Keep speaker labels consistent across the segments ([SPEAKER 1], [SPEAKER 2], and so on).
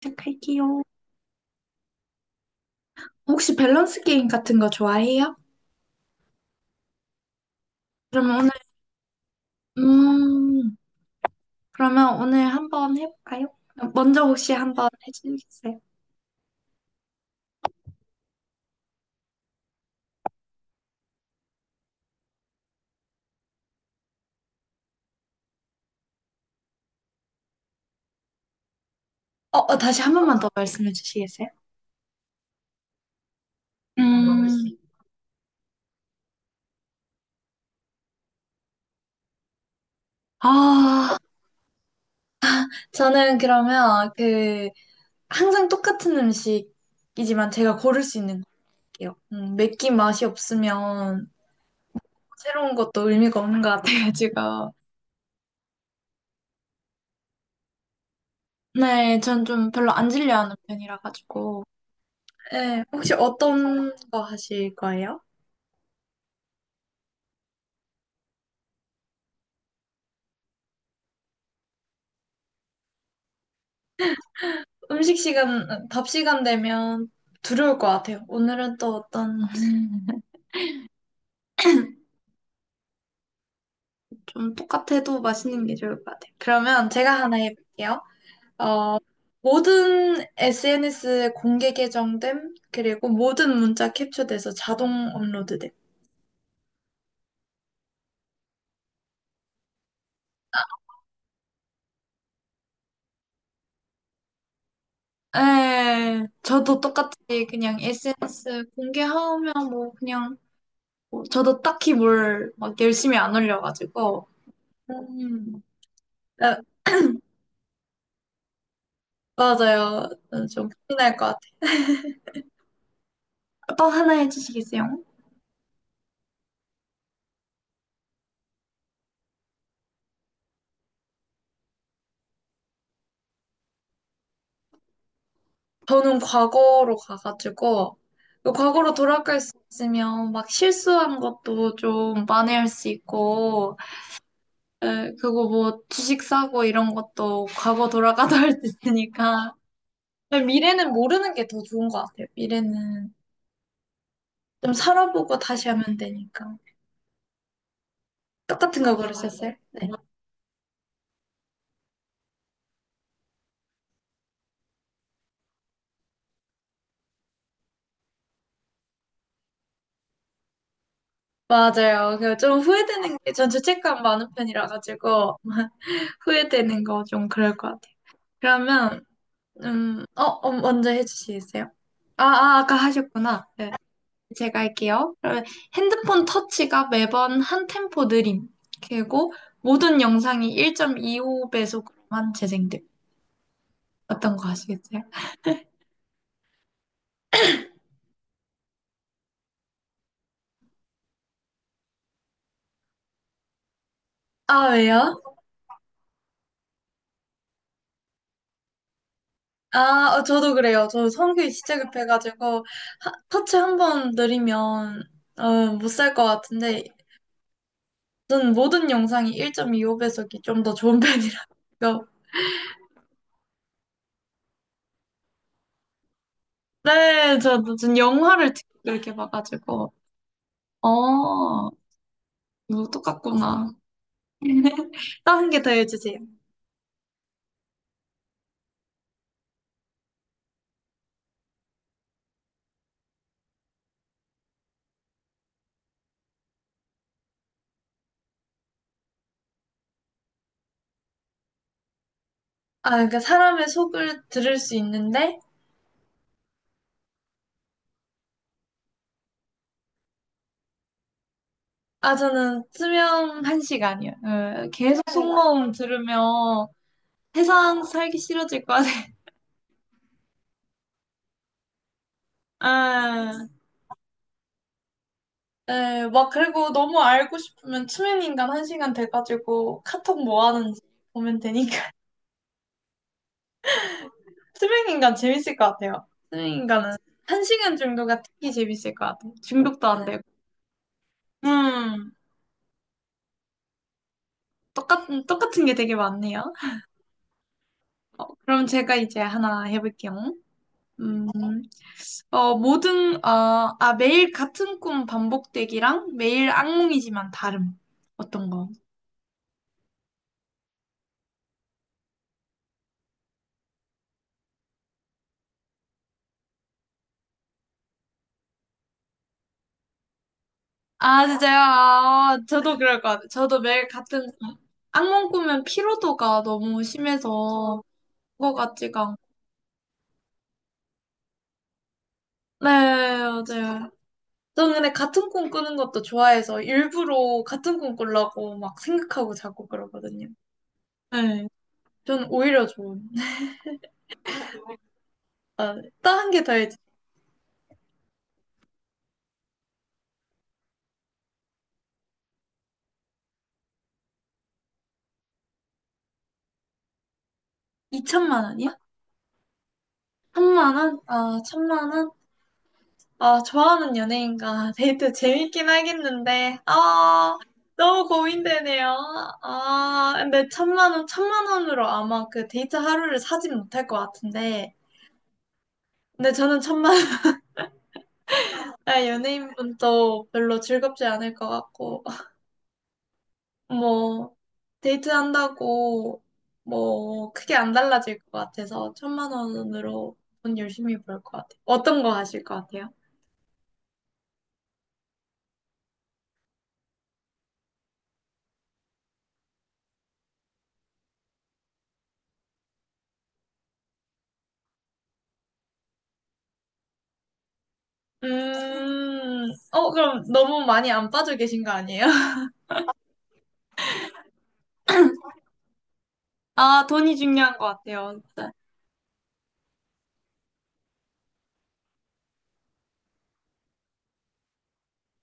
[SPEAKER 1] 시작할게요. 혹시 밸런스 게임 같은 거 좋아해요? 그러면 오늘, 음, 그러면 오늘 한번 해볼까요? 먼저 혹시 한번 해주시겠어요? 다시 한 번만 더 말씀해 주시겠어요? 음, 아, 저는 그러면 항상 똑같은 음식이지만 제가 고를 수 있는 거 할게요. 맵긴 맛이 없으면 새로운 것도 의미가 없는 것 같아가지고. 네, 전 좀 별로 안 질려하는 편이라 가지고. 네, 혹시 어떤 거 하실 거예요? 음식 시간, 답 시간 되면 두려울 것 같아요. 오늘은 또 어떤, 좀 똑같아도 맛있는 게 좋을 것 같아요. 그러면 제가 하나 해볼게요. 어, 모든 SNS 공개 계정됨, 그리고 모든 문자 캡처돼서 자동 업로드됨. 네, 저도 똑같이 그냥 SNS 공개하면 뭐 그냥 뭐 저도 딱히 뭘 막 열심히 안 올려가지고. 음. 맞아요. 좀 큰일 것 같아요. 또 하나 해주시겠어요? 저는 과거로 가가지고 그 과거로 돌아갈 수 있으면 막 실수한 것도 좀 만회할 수 있고 그거 뭐 주식 사고 이런 것도 과거 돌아가도 할 수 있으니까 근데 미래는 모르는 게 더 좋은 것 같아요. 미래는 좀 살아보고 다시 하면 되니까 똑같은 거 고르셨어요? 네. 맞아요. 그좀 후회되는 게 전 죄책감 많은 편이라 가지고 후회되는 거 좀 그럴 것 같아요. 그러면 먼저 해주시겠어요? 아까 하셨구나. 네, 제가 할게요. 그러면 핸드폰 터치가 매번 한 템포 느림. 그리고 모든 영상이 1.25배속으로만 재생됨. 어떤 거 하시겠어요? 아, 왜요? 아, 저도 그래요. 저 성격이 진짜 급해가지고 터치 한 번 느리면 못 살 것 같은데 저는 모든 영상이 1.25배속이 좀 더 좋은 편이라 네, 저 무슨 영화를 이렇게 봐가지고. 어, 뭐 똑같구나. 다른 게 더 해주세요. 아, 그러니까 사람의 속을 들을 수 있는데, 아, 저는 수면 한 시간이요. 예, 계속 속마음 들으면 세상 살기 싫어질 것 같아요. 아, 예, 막 그리고 너무 알고 싶으면 투명인간 한 시간 돼가지고 카톡 뭐 하는지 보면 되니까. 투명인간 재밌을 것 같아요. 투명인간은 한 시간 정도가 특히 재밌을 것 같아요. 중독도 안 되고. 음, 똑같은 게 되게 많네요. 그럼 제가 이제 하나 해볼게요. 음, 매일 같은 꿈 반복되기랑 매일 악몽이지만 다름. 어떤 거? 아, 진짜요? 아, 저도 그럴 것 같아요. 저도 매일 같은, 악몽 꾸면 피로도가 너무 심해서 그거 같지가 않고. 네, 맞아요. 저는 근데 같은 꿈 꾸는 것도 좋아해서 일부러 같은 꿈 꾸려고 막 생각하고 자고 그러거든요. 네. 전 오히려 좋은. 아, 다른 게 더해지. 2천만 원이야? 천만 원? 아, 천만 원? 아, 좋아하는 연예인과 데이트 재밌긴 하겠는데, 아, 너무 고민되네요. 아, 근데 천만 원, 천만 원으로 아마 그 데이트 하루를 사진 못할 것 같은데, 근데 저는 천만 원, 아, 연예인분도 별로 즐겁지 않을 것 같고, 뭐, 데이트한다고 뭐, 크게 안 달라질 것 같아서 천만 원으로 돈 열심히 벌 것 같아요. 어떤 거 하실 것 같아요? 그럼 너무 많이 안 빠져 계신 거 아니에요? 아, 돈이 중요한 것 같아요. 진짜.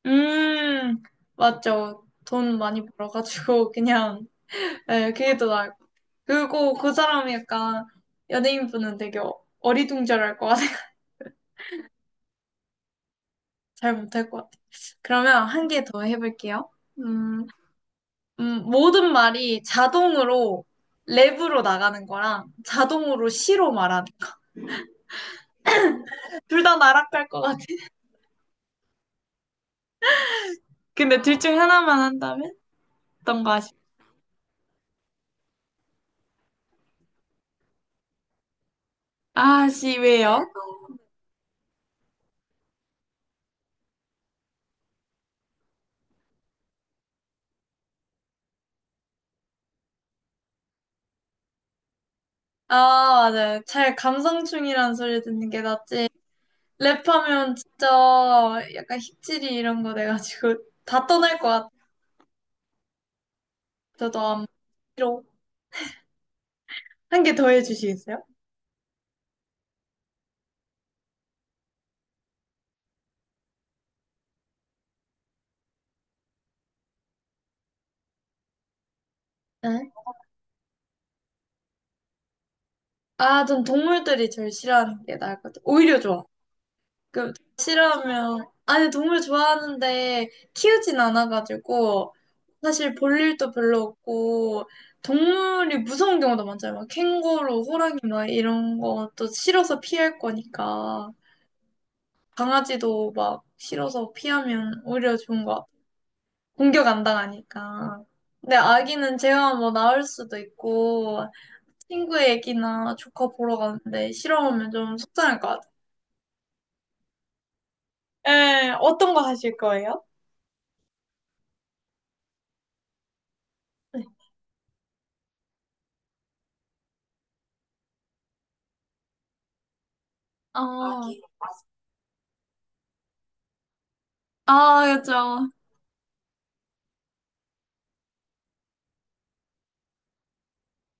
[SPEAKER 1] 음, 맞죠. 돈 많이 벌어가지고, 그냥, 예, 그게 더 나을 것 같아요. 그리고 그 사람이 약간, 연예인분은 되게 어리둥절할 것 같아요. 잘 못할 것 같아요. 그러면 한 개 더 해볼게요. 음, 모든 말이 자동으로 랩으로 나가는 거랑 자동으로 시로 말하는 둘 다 나락갈 것 같아. 근데 둘 중 하나만 한다면? 어떤 거 하시? 아, 씨, 왜요? 아, 맞아요. 잘 감성충이라는 소리 듣는 게 낫지. 랩하면 진짜 약간 힙질이 이런 거 돼가지고 다 떠날 것 같아. 저도 아마 싫어. 한 개 더 해주시겠어요? 네. 아, 전 동물들이 제일 싫어하는 게 나을 것 같아. 오히려 좋아. 그 싫어하면 아니 동물 좋아하는데 키우진 않아가지고 사실 볼 일도 별로 없고 동물이 무서운 경우도 많잖아요. 막 캥거루, 호랑이 막 이런 것도 싫어서 피할 거니까 강아지도 막 싫어서 피하면 오히려 좋은 것 같아요. 공격 안 당하니까. 근데 아기는 제가 뭐 나을 수도 있고 친구 애기나 조카 보러 가는데 싫어하면 좀 속상할 것 같아요. 예, 어떤 거 하실 거예요? 네. 기 아, 그죠.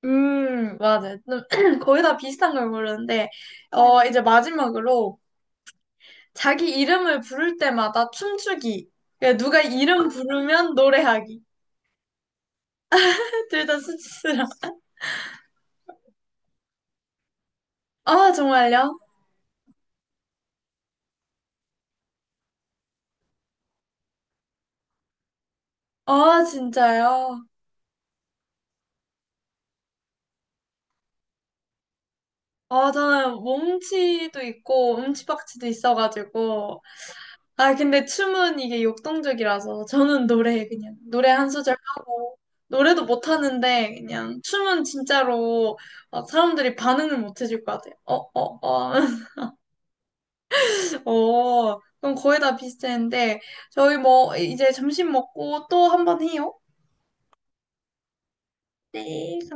[SPEAKER 1] 맞아요. 좀 거의 다 비슷한 걸 고르는데, 이제 마지막으로 자기 이름을 부를 때마다 춤추기. 그러니까 누가 이름 부르면 노래하기. 둘 다 수치스러워. 아, 정말요? 아, 진짜요? 아, 저는 몸치도 있고, 음치박치도 있어가지고, 아, 근데 춤은 이게 역동적이라서 저는 노래 그냥 노래 한 소절 하고 노래도 못 하는데 그냥 춤은 진짜로 막 사람들이 반응을 못 해줄 것 같아요. 어, 어, 어. 그럼 거의 다 비슷했는데 저희 뭐 이제 점심 먹고 또 한번 해요. 네.